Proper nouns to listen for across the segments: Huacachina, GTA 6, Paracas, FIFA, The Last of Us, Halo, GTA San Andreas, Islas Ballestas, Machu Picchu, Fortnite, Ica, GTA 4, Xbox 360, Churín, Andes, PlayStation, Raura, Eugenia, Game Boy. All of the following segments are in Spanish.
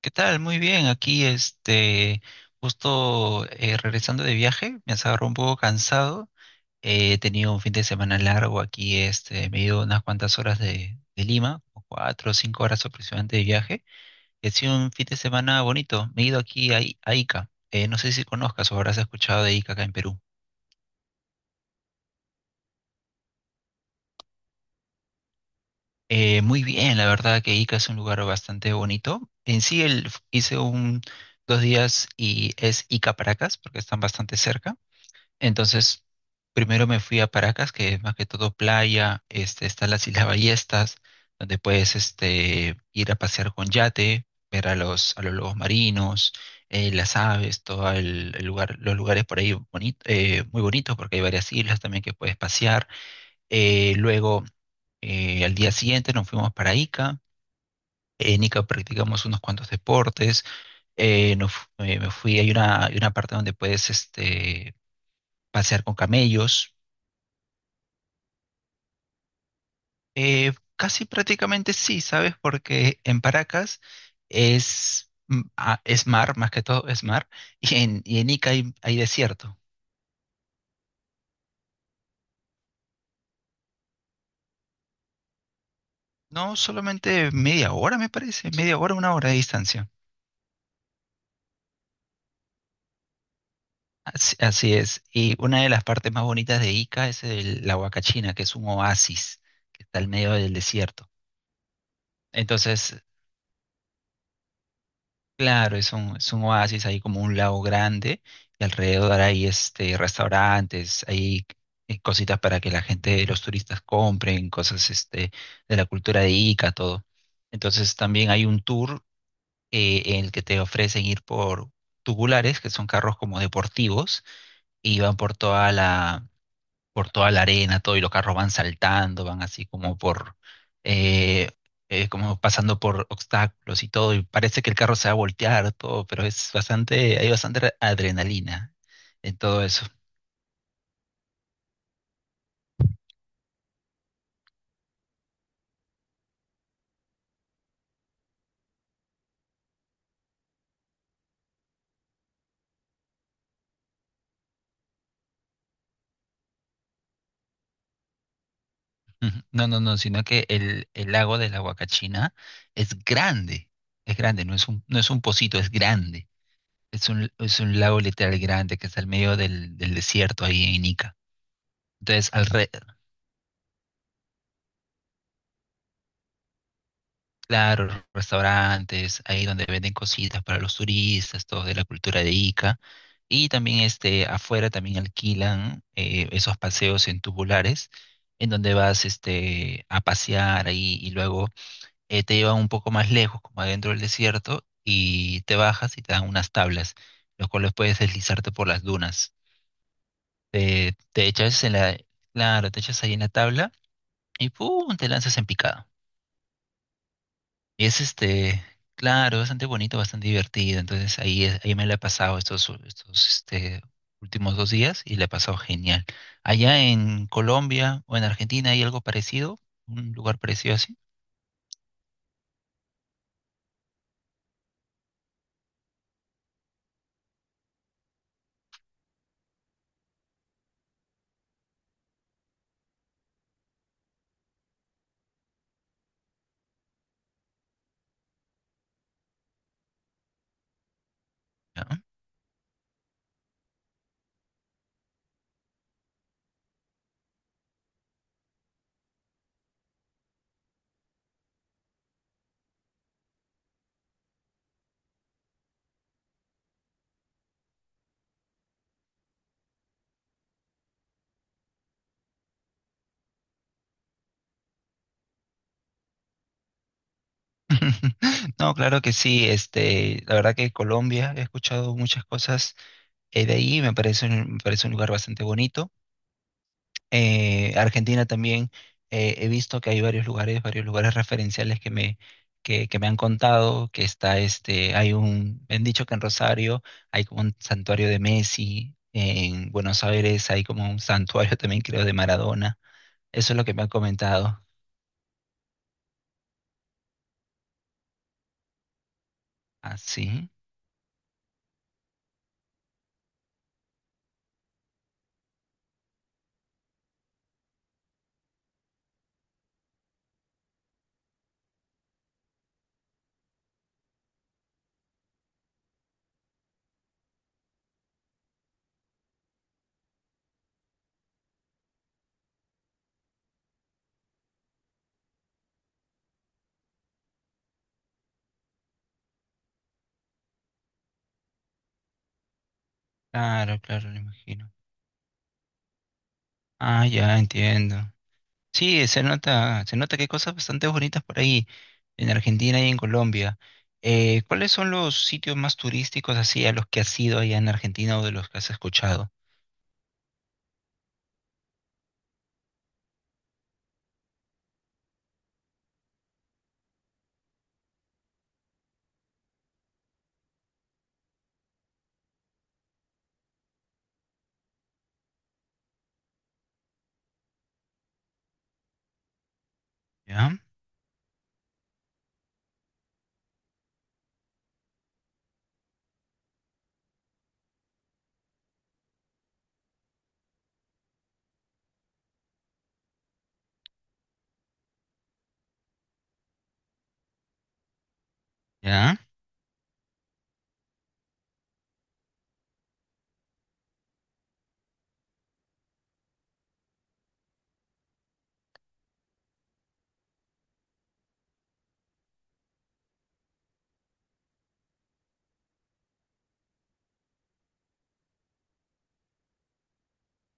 ¿Qué tal? Muy bien, aquí este, justo regresando de viaje, me agarró un poco cansado. He tenido un fin de semana largo aquí, este, me he ido unas cuantas horas de Lima, como cuatro o cinco horas aproximadamente de viaje. Ha sido un fin de semana bonito. Me he ido aquí a Ica. No sé si conozcas o habrás escuchado de Ica acá en Perú. Muy bien, la verdad que Ica es un lugar bastante bonito. En sí, hice dos días y es Ica Paracas, porque están bastante cerca. Entonces, primero me fui a Paracas, que es más que todo playa, este, están las Islas Ballestas, donde puedes este, ir a pasear con yate, ver a a los lobos marinos, las aves, todo el lugar, los lugares por ahí bonito, muy bonitos, porque hay varias islas también que puedes pasear. Eh, luego, Al día siguiente nos fuimos para Ica. En Ica practicamos unos cuantos deportes. Me fui, hay una parte donde puedes este, pasear con camellos. Casi prácticamente sí, ¿sabes? Porque en Paracas es mar, más que todo es mar, y y en Ica hay desierto. No, solamente media hora, me parece, media hora, una hora de distancia. Así, así es. Y una de las partes más bonitas de Ica es la Huacachina, que es un oasis que está al medio del desierto. Entonces, claro, es un oasis, ahí como un lago grande y alrededor hay este, restaurantes, hay cositas para que la gente, los turistas compren, cosas este, de la cultura de Ica, todo. Entonces también hay un tour en el que te ofrecen ir por tubulares, que son carros como deportivos, y van por toda por toda la arena, todo, y los carros van saltando, van así como eh, como pasando por obstáculos y todo, y parece que el carro se va a voltear, todo, pero es bastante, hay bastante adrenalina en todo eso. Ujú. No, no, no, sino que el lago de la Huacachina es grande, es grande, no es un pocito, es grande. Es un lago literal grande que está al medio del desierto ahí en Ica. Entonces, alrededor, claro, restaurantes, ahí donde venden cositas para los turistas, todo de la cultura de Ica. Y también este, afuera también alquilan esos paseos en tubulares, en donde vas este, a pasear ahí y luego te llevan un poco más lejos, como adentro del desierto, y te bajas y te dan unas tablas, los cuales puedes deslizarte por las dunas. Te echas en la, claro, te echas ahí en la tabla y ¡pum! Te lanzas en picada. Y es este, claro, bastante bonito, bastante divertido. Entonces ahí, ahí me la he pasado estos, estos este, últimos dos días y la he pasado genial. Allá en Colombia o en Argentina hay algo parecido, un lugar parecido así, ¿no? No, claro que sí. Este, la verdad que Colombia he escuchado muchas cosas de ahí. Me parece un lugar bastante bonito. Argentina también he visto que hay varios lugares referenciales que me han contado, que está este, hay un, me han dicho que en Rosario hay como un santuario de Messi, en Buenos Aires hay como un santuario también creo de Maradona. Eso es lo que me han comentado. Ah, sí, claro, claro, lo imagino. Ah, ya entiendo. Sí, se nota que hay cosas bastante bonitas por ahí, en Argentina y en Colombia. ¿Cuáles son los sitios más turísticos así a los que has ido allá en Argentina o de los que has escuchado? ¿Ya? ¿Ya?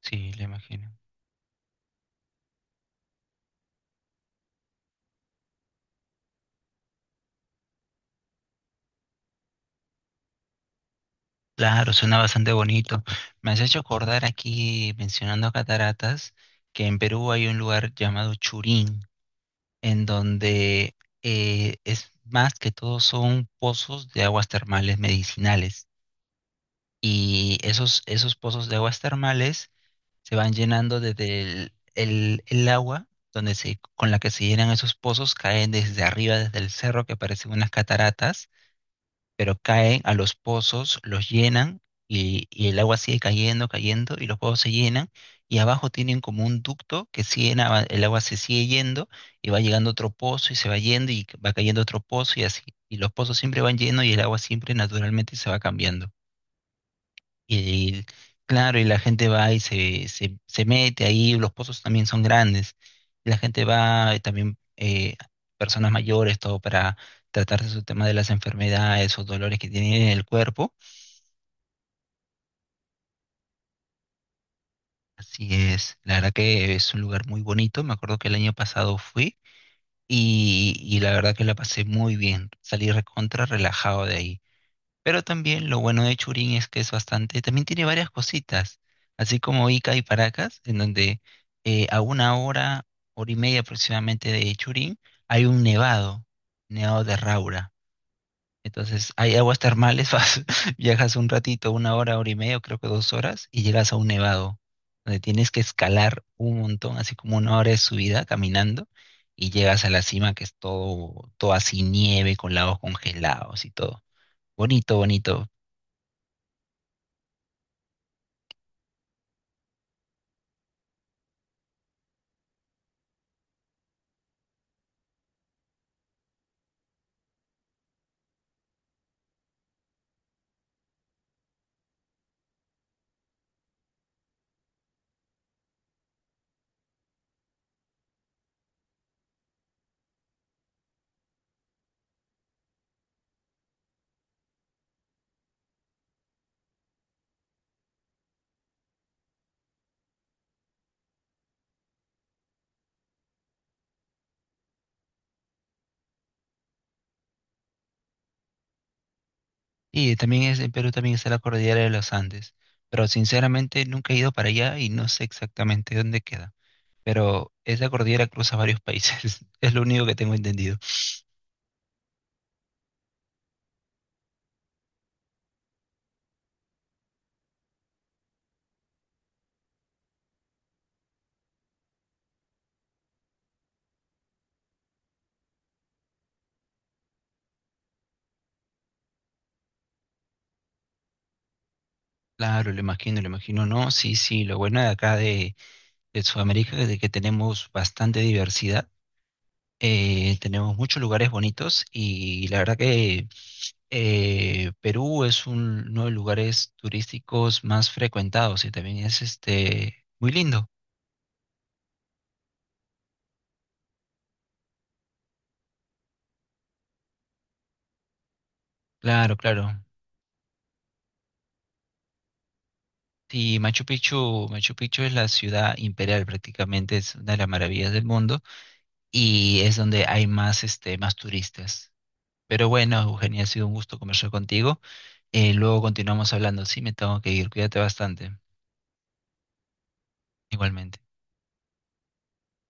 Sí, le imagino. Claro, suena bastante bonito. Me has hecho acordar aquí, mencionando cataratas, que en Perú hay un lugar llamado Churín, en donde es más que todo son pozos de aguas termales medicinales. Y esos, esos pozos de aguas termales se van llenando desde el agua donde se, con la que se llenan esos pozos, caen desde arriba, desde el cerro, que parecen unas cataratas, pero caen a los pozos, los llenan y el agua sigue cayendo, cayendo y los pozos se llenan y abajo tienen como un ducto que sigue, en el agua se sigue yendo y va llegando otro pozo y se va yendo y va cayendo otro pozo y así. Y los pozos siempre van llenos y el agua siempre naturalmente se va cambiando. Y claro, y la gente va y se mete ahí, los pozos también son grandes. Y la gente va, y también personas mayores, todo para tratarse su tema de las enfermedades o dolores que tienen en el cuerpo. Así es, la verdad que es un lugar muy bonito. Me acuerdo que el año pasado fui y la verdad que la pasé muy bien. Salí recontra relajado de ahí. Pero también lo bueno de Churín es que es bastante, también tiene varias cositas, así como Ica y Paracas, en donde a una hora, hora y media aproximadamente de Churín, hay un nevado, nevado de Raura. Entonces hay aguas termales, viajas un ratito, una hora, hora y media, o creo que dos horas, y llegas a un nevado, donde tienes que escalar un montón, así como una hora de subida caminando, y llegas a la cima que es todo, todo así nieve, con lagos congelados y todo. Bonito, bonito. Y también es, en Perú también está la cordillera de los Andes, pero sinceramente nunca he ido para allá y no sé exactamente dónde queda. Pero esa cordillera cruza varios países, es lo único que tengo entendido. Claro, lo imagino, lo imagino. No, sí, sí, lo bueno de acá de Sudamérica es de que tenemos bastante diversidad, tenemos muchos lugares bonitos y la verdad que Perú es uno de los lugares turísticos más frecuentados y también es este, muy lindo. Claro, claro. Sí, Machu Picchu, Machu Picchu es la ciudad imperial prácticamente, es una de las maravillas del mundo y es donde hay más, este, más turistas. Pero bueno, Eugenia, ha sido un gusto conversar contigo. Luego continuamos hablando. Sí, me tengo que ir. Cuídate bastante. Igualmente.